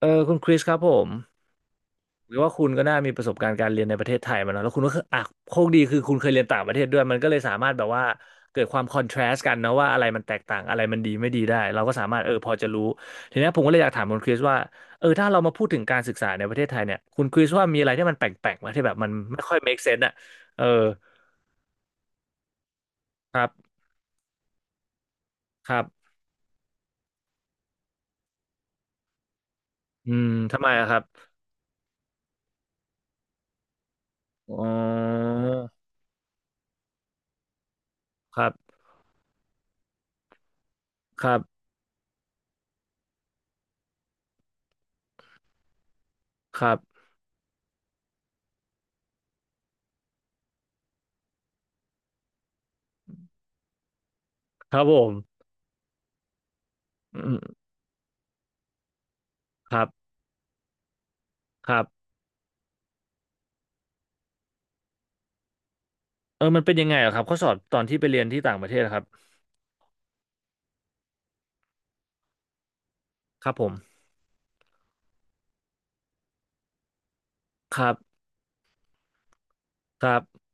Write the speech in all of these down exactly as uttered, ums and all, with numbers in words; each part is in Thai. เออคุณคริสครับผมหรือว่าคุณก็น่ามีประสบการณ์การเรียนในประเทศไทยมาเนอะแล้วคุณก็คืออ่ะโชคดีคือคุณเคยเรียนต่างประเทศด้วยมันก็เลยสามารถแบบว่าเกิดความคอนทราสต์กันเนอะว่าอะไรมันแตกต่างอะไรมันดีไม่ดีได้เราก็สามารถเออพอจะรู้ทีเนี้ยผมก็เลยอยากถามคุณคริสว่าเออถ้าเรามาพูดถึงการศึกษาในประเทศไทยเนี่ยคุณคริสว่ามีอะไรที่มันแปลกๆไหมที่แบบมันไม่ค่อย make sense อ่ะเออครับครับอืมทำไมอะครับอ๋อครับครับครับครับผมอืมครับครับ เออมันเป็นยังไงเหรอะครับ เขาสอนตอนที่ไปเรียนที่ต่างประเทศอะครับ ครับผมครับครับ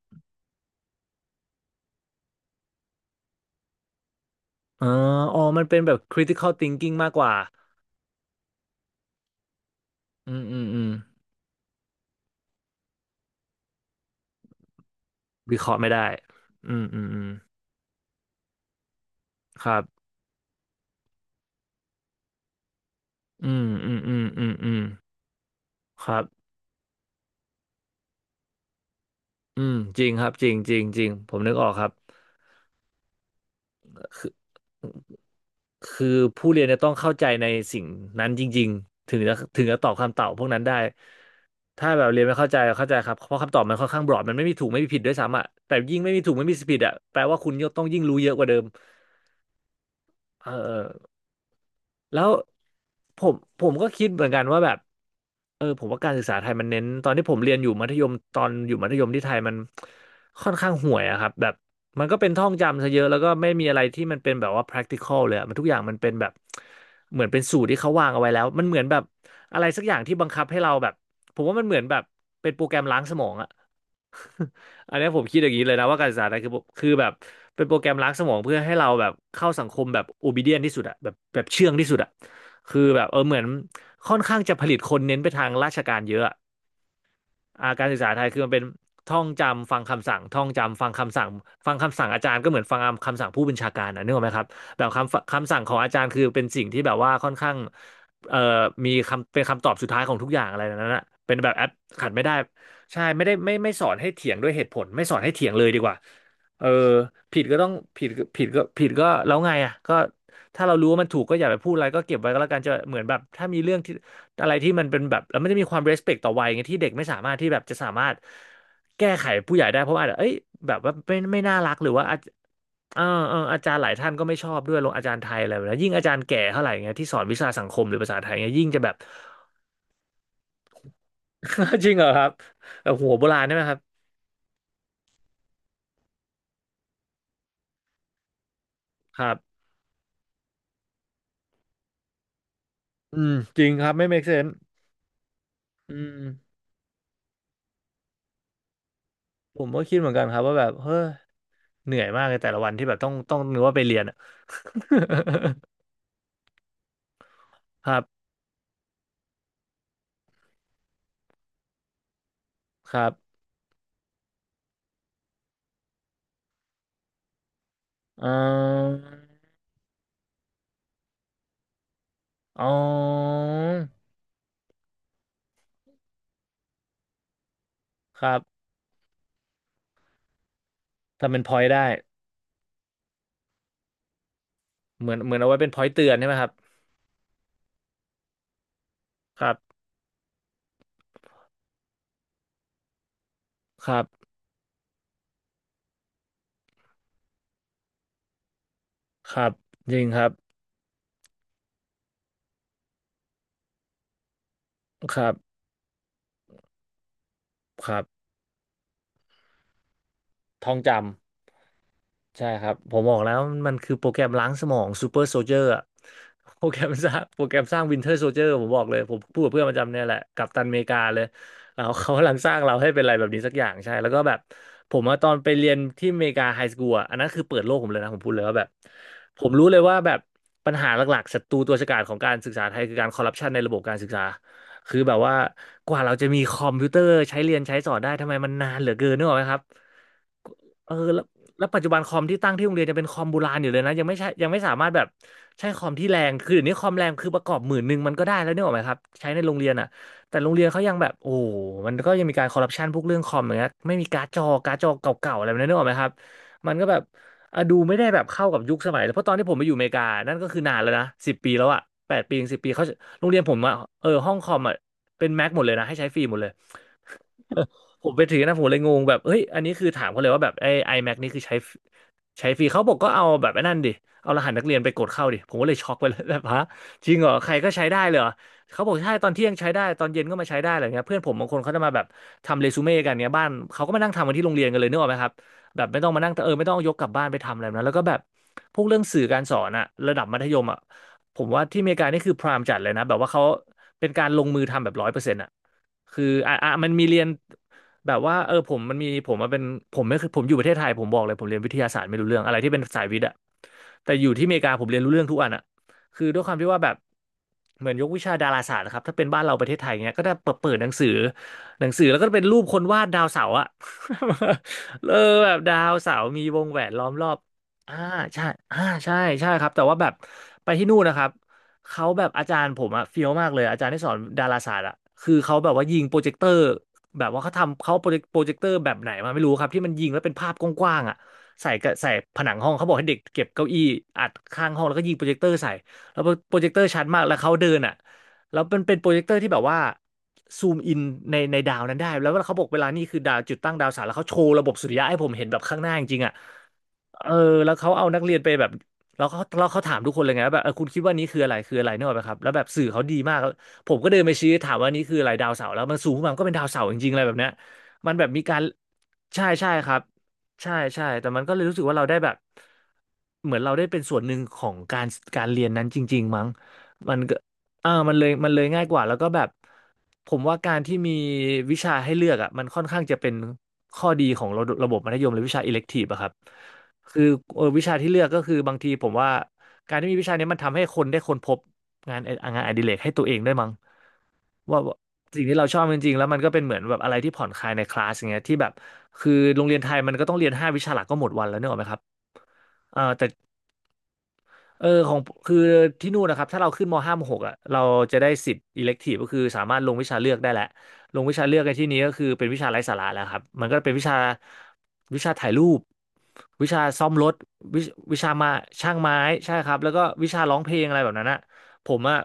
อ๋ออ๋อมันเป็นแบบ critical thinking มากกว่าอืมอืมอืมวิเคราะห์ไม่ได้อืมอืมอืมครับอืมอืมอืมอืมอืมครับอืมจริงครับจริงจริงจริงผมนึกออกครับ คือผู้เรียนจะต้องเข้าใจในสิ่งนั้นจริงๆถึงจะถึงจะตอบคำตอบพวกนั้นได้ถ้าแบบเรียนไม่เข้าใจเข้าใจครับเพราะคำตอบมันค่อนข้างบรอดมันไม่มีถูกไม่มีผิดด้วยซ้ำอ่ะแต่ยิ่งไม่มีถูกไม่มีผิดอ่ะแปลว่าคุณก็ต้องยิ่งรู้เยอะกว่าเดิมเออ แล้วผมผมก็คิดเหมือนกันว่าแบบเออผมว่าการศึกษาไทยมันเน้นตอนที่ผมเรียนอยู่มัธยมตอนอยู่มัธยมที่ไทยมันค่อนข้างห่วยอะครับแบบมันก็เป็นท่องจำซะเยอะแล้วก็ไม่มีอะไรที่มันเป็นแบบว่า practical เลยอะมันทุกอย่างมันเป็นแบบเหมือนเป็นสูตรที่เขาวางเอาไว้แล้วมันเหมือนแบบอะไรสักอย่างที่บังคับให้เราแบบผมว่ามันเหมือนแบบเป็นโปรแกรมล้างสมองอะ อันนี้ผมคิดอย่างนี้เลยนะว่าการศึกษาไทยคือคือแบบ เป็นโปรแกรมล้างสมองเพื่อให้เราแบบเข้าสังคมแบบ obedient ที่สุดอะแบบแบบเชื่องที่สุดอะคือแบบเออเหมือนค่อนข้างจะผลิตคนเน้นไปทางราชการเยอะอะ อ่าการศึกษาไทยคือมันเป็นท่องจำฟังคำสั่งท่องจำฟังคำสั่งฟังคำสั่งอาจารย์ก็เหมือนฟังคำสั่งผู้บัญชาการนะนึกออกไหมครับแบบคำคำสั่งของอาจารย์คือเป็นสิ่งที่แบบว่าค่อนข้างเอ่อมีคำเป็นคำตอบสุดท้ายของทุกอย่างอะไรแบบนั้นนะเป็นแบบแอปขัดไม่ได้ใช่ไม่ได้ไม่ไม่สอนให้เถียงด้วยเหตุผลไม่สอนให้เถียงเลยดีกว่าเออผิดก็ต้องผิดผิดก็ผิดก็แล้วไงอ่ะก็ถ้าเรารู้ว่ามันถูกก็อย่าไปพูดอะไรก็เก็บไว้ก็แล้วกันจะเหมือนแบบถ้ามีเรื่องที่ อะไรที่มันเป็นแบบแล้วมันจะมีความ respect ต่อวัยไงที่เด็กไม่สามารถที่แบบจะสามารถแก้ไขผู้ใหญ่ได้เพราะว่าอาจจะเอ้ยแบบว่าไม่ไม่น่ารักหรือว่าอาจเออเอออาจารย์หลายท่านก็ไม่ชอบด้วยลงอาจารย์ไทยอะไรแบบนี้ยิ่งอาจารย์แก่เท่าไหร่เงี้ยที่สอนวิชาสังคมหรือภาษาไทยเงี้ยยิ่งจะแบบ จริงเหรอครับแบบหัวโบราณใช่ไหมครับครับอืมจริงครับไม่ make sense อืมผมก็คิดเหมือนกันครับว่าแบบเฮ้ยเหนื่อยมากเลยแต่ละวันที่แบบต้องต้องนึกว่าไปเรียนอะ ครับครับเอ่อ อ๋อ ครับ ทำเป็นพอยต์ได้เหมือนเหมือนเอาไว้เป็นพอยต์เตือนใช่ไหมครับ ครับ ครับ ครับ จริงครับ ครับ ครับท่องจำ ใช่ครับผมบอกแล้วมันคือโปรแกรมล้างสมองซูเปอร์โซเจอร์อะ โปรแกรมสร้างโปรแกรมสร้างวินเทอร์โซเจอร์ผมบอกเลยผมพูดกับเพื่อนประจำเนี่ยแหละกัปตันอเมริกาเลยเรา เขากำลังสร้างเราให้เป็นอะไรแบบนี้สักอย่างใช่แล้วก็แบบผมอะตอนไปเรียนที่อเมริกาไฮสคูลอะอันนั้นคือเปิดโลกผมเลยนะผมพูดเลยว่าแบบผมรู้เลยว่าแบบปัญหาหลักๆศัตรูตัวฉกาจของการศึกษาไทยคือการคอร์รัปชันในระบบการศึกษาคือแบบว่ากว่าเราจะมีคอมพิวเตอร์ใช้เรียนใช้สอนได้ทำไมมันนานเหลือเกินนึกออกไหมครับ เออแล้วแล้วปัจจุบันคอมที่ตั้งที่โรงเรียนจะเป็นคอมโบราณอยู่เลยนะยังไม่ใช่ยังไม่สามารถแบบใช้คอมที่แรงคือเดี๋ยวนี้คอมแรงคือประกอบหมื่นหนึ่งมันก็ได้แล้วนึกออกไหมครับใช้ในโรงเรียนอ่ะแต่โรงเรียนเขายังแบบโอ้โหมันก็ยังมีการคอร์รัปชันพวกเรื่องคอมอย่างเงี้ยไม่มีการ์ดจอการ์ดจอเก่าๆอะไรแบบนั้นนึกออกไหมครับมันก็แบบอ่ะดูไม่ได้แบบเข้ากับยุคสมัยแล้วเพราะตอนที่ผมไปอยู่อเมริกานั่นก็คือนานแล้วนะสิบปีแล้วอ่ะแปดปีถึงสิบปีเขาโรงเรียนผมอ่ะเออห้องคอมอ่ะเป็นแม็กหมดเลยนะให้ใช้ฟรีหมดเลย ผมไปถือนะผมเลยงงแบบเฮ้ยอันนี้คือถามเขาเลยว่าแบบไอ้ iMac นี่คือใช้ใช้ฟรีเขาบอกก็เอาแบบไอ้นั่นดิเอารหัสนักเรียนไปกดเข้าดิผมก็เลยช็อกไปเลย แบบฮะจริงเหรอใครก็ใช้ได้เลยเหรอเขาบอกใช่ตอนเที่ยงใช้ได้ตอนเย็นก็มาใช้ได้อะไรเงี้ยเพื่อนผมบางคนเขาจะมาแบบทำเรซูเม่กันเนี้ยบ้านเขาก็มานั่งทำกันที่โรงเรียนกันเลยนึกออกไหมครับแบบไม่ต้องมานั่งเออไม่ต้องยกกลับบ้านไปทำอะไรแบบนั้นแล้วก็แบบพวกเรื่องสื่อการสอนอะระดับมัธยมอะผมว่าที่อเมริกานี่คือพรามจัดเลยนะแบบว่าเขาเป็นการลงมือทำแบบร้อยเปอร์เซ็นต์ คืออ่ะอ่ะมันมีเรียนแบบว่าเออผมมันมีผมมาเป็นผมไม่คือผมอยู่ประเทศไทยผมบอกเลยผมเรียนวิทยาศาสตร์ไม่รู้เรื่องอะไรที่เป็นสายวิทย์อะแต่อยู่ที่อเมริกาผมเรียนรู้เรื่องทุกอันอะคือด้วยความที่ว่าแบบเหมือนยกวิชาดาราศาสตร์นะครับถ้าเป็นบ้านเราประเทศไทยเนี้ยก็จะเปิดเปิดหนังสือหนังสือแล้วก็เป็นรูปคนวาดดาวเสาร์อะ เออแบบดาวเสาร์มีวงแหวนล้อมรอบอ่าใช่อ่าใช่ใช่ครับแต่ว่าแบบไปที่นู่นนะครับ เขาแบบอาจารย์ผมอะเฟี้ยวมากเลยอาจารย์ที่สอนดาราศาสตร์อะคือเขาแบบว่ายิงโปรเจคเตอร์แบบว่าเขาทำเขาโปรเจคโปรเจคเตอร์แบบไหนมาไม่รู้ครับที่มันยิงแล้วเป็นภาพกว้างๆอะใส่กะใส่ผนังห้องเขาบอกให้เด็กเก็บเก้าอี้อัดข้างห้องแล้วก็ยิงโปรเจคเตอร์ใส่แล้วโปรเจคเตอร์ชัดมากแล้วเขาเดินอะแล้วมันเป็นโปรเจคเตอร์ที่แบบว่าซูมอินในในดาวนั้นได้แล้วเขาบอกเวลานี่คือดาวจุดตั้งดาวเสาร์แล้วเขาโชว์ระบบสุริยะให้ผมเห็นแบบข้างหน้าจริงๆอะเออแล้วเขาเอานักเรียนไปแบบ แล้วเขาแล้วเขาถามทุกคนเลยไงว่าแบบเออคุณคิดว่านี้คืออะไรคืออะไรนึกออกไหมครับแล้วแบบสื่อเขาดีมากผมก็เดินไปชี้ถามว่านี่คืออะไรดาวเสาร์แล้วมันสูงขึ้นมามันก็เป็นดาวเสาร์จริงๆอะไรแบบเนี้ยมันแบบมีการใช่ใช่ครับใช่ใช่แต่มันก็เลยรู้สึกว่าเราได้แบบเหมือนเราได้เป็นส่วนหนึ่งของการการเรียนนั้นจริงๆมั้งมันก็เออมันเลยมันเลยง่ายกว่าแล้วก็แบบผมว่าการที่มีวิชาให้เลือกอ่ะมันค่อนข้างจะเป็นข้อดีของระบบมัธยมหรือวิชาอิเล็กทีฟอะครับ คือเออวิชาที่เลือกก็คือบางทีผมว่าการที่มีวิชานี้มันทำให้คนได้ค้นพบงานงานอดิเรกให้ตัวเองด้วยมั้งว่าว่าสิ่งที่เราชอบจริงๆแล้วมันก็เป็นเหมือนแบบอะไรที่ผ่อนคลายในคลาสอย่างเงี้ยที่แบบคือโรงเรียนไทยมันก็ต้องเรียนห้าวิชาหลักก็หมดวันแล้วเนกอะไหมครับเออแต่ เออของคือที่นู่นนะครับถ้าเราขึ้นมห้าามหกอ่ะเราจะได้สิทธิ์อิเล็กทีฟก็คือสามารถลงวิชาเลือกได้แหละลงวิชาเลือกในที่นี้ก็คือเป็นวิชาไร้สาระแล้วครับมันก็เป็นวิชาวิชาถ่ายรูปวิชาซ่อมรถวิวิชามาช่างไม้ใช่ครับแล้วก็วิชาร้องเพลงอะไรแบบนั้นอ่ะผมอ่ะ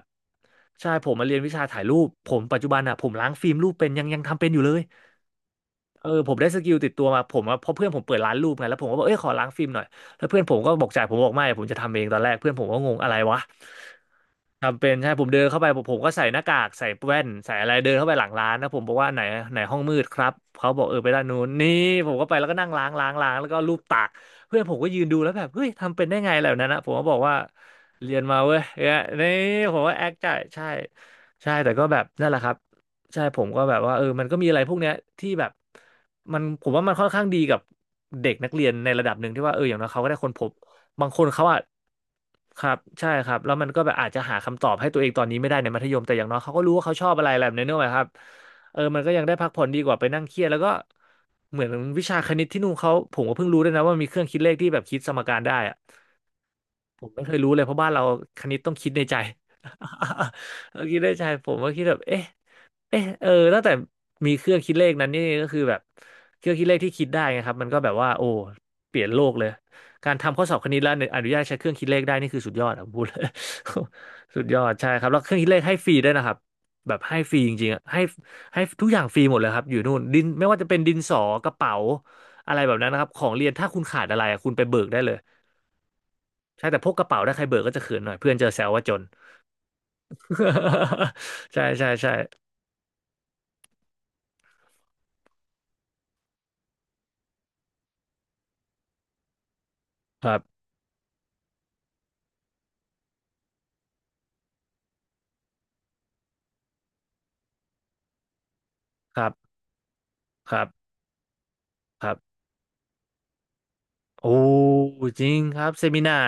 ใช่ผมมาเรียนวิชาถ่ายรูปผมปัจจุบันอ่ะผมล้างฟิล์มรูปเป็นยังยังทำเป็นอยู่เลย เออผมได้สกิลติดตัวมาผมอะเพราะเพื่อนผมเปิดร้านรูปไงแล้วผมก็บอกเอ้ยขอล้างฟิล์มหน่อยแล้วเพื่อนผมก็บอกจ่ายผมบอกไม่ผมจะทำเองตอนแรกเพื่อนผมก็งงอะไรวะ ทำเป็นใช่ผมเดินเข้าไปผมผมก็ใส่หน้ากากใส่แว่นใส่อะไรเดินเข้าไปหลังร้านนะผมบอกว่าไหนไหนห้องมืดครับเขาบอกเออไปด้านนู้นนี่ผมก็ไปแล้วก็นั่งล้างล้างล้างแล้วก็ลูบตากเพื่อนผมก็ยืนดูแล้วแบบเฮ้ยทำเป็นได้ไงอะไรแบบนั้นนะผมก็บอกว่าเรียนมาเว้ยเนี่ยนี่ผมว่าแอคจ่ายใช่ใช่แต่ก็แบบนั่นแหละครับใช่ผมก็แบบว่าเออมันก็มีอะไรพวกเนี้ยที่แบบมันผมว่ามันค่อนข้างดีกับเด็กนักเรียนในระดับหนึ่งที่ว่าเอออย่างน้อยเขาก็ได้ค้นพบ บางคนเขาอะครับใช่ครับแล้วมันก็แบบอาจจะหาคำตอบให้ตัวเองตอนนี้ไม่ได้ในมัธยมแต่อย่างน้อยเขาก็รู้ว่าเขาชอบอะไรอะไรแบบนี้นึกออกไหมครับเออมันก็ยังได้พักผ่อนดีกว่าไปนั่งเครียดแล้วก็เหมือนวิชาคณิตที่นู่นเขาผมก็เพิ่งรู้ด้วยนะว่ามีเครื่องคิดเลขที่แบบคิดสมการได้อะผมไม่เคยรู้เลยเพราะบ้านเราคณิตต้องคิดในใจ เออคิดในใจผมก็คิดแบบเอ๊ะ เอะเออตั้งแต่มีเครื่องคิดเลขนั้นนี่ก็คือแบบเครื่องคิดเลขที่คิดได้ไงครับมันก็แบบว่าโอ้เปลี่ยนโลกเลยการทำข้อสอบคณิตแล้วอนุญาตใช้เครื่องคิดเลขได้นี่คือสุดยอดอะผมพูดเลย สุดยอดใช่ครับแล้วเครื่องคิดเลขให้ฟรีด้วยนะครับแบบให้ฟรีจริงๆอะให้ให้ทุกอย่างฟรีหมดเลยครับอยู่นู่นดินไม่ว่าจะเป็นดินสอกระเป๋าอะไรแบบนั้นนะครับของเรียนถ้าคุณขาดอะไรอะคุณไปเบิกได้เลยใช่แต่พกกระเป๋าได้ใครเบิกก็จะเขินหน่อยเพื่อนเจอแซวว่าจน ใช่ใช่ใช่ครับครับครับครับ โอ้จริงครับเซมินา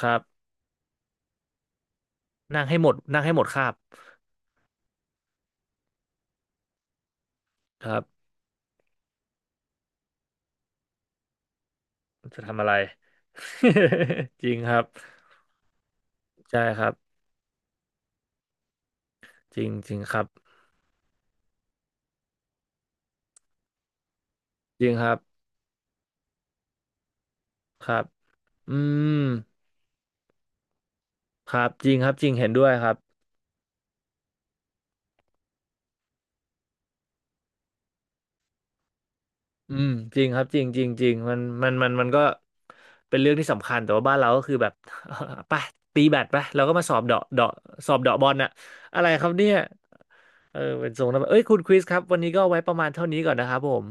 ครับนั่งให้หมดนั่งให้หมดคาบครับจะทำอะไร จริงครับใช่ครับจริงจริงครับจริงครับครับอืมครับจริงครับจริงเห็นด้วยครับอืมจริงครับจริงจริงจริงมันมันมันมันก็เป็นเรื่องที่สำคัญแต่ว่าบ้านเราก็คือแบบ ไปตีแบดไปแล้วก็มาสอบเดาะเดาะสอบเดาะบอลน่ะอะไรครับเนี่ยเออเป็นทรงนั้นเอ้ยคุณคริสครับวันนี้ก็ไว้ประมาณเท่านี้ก่อนนะครับผม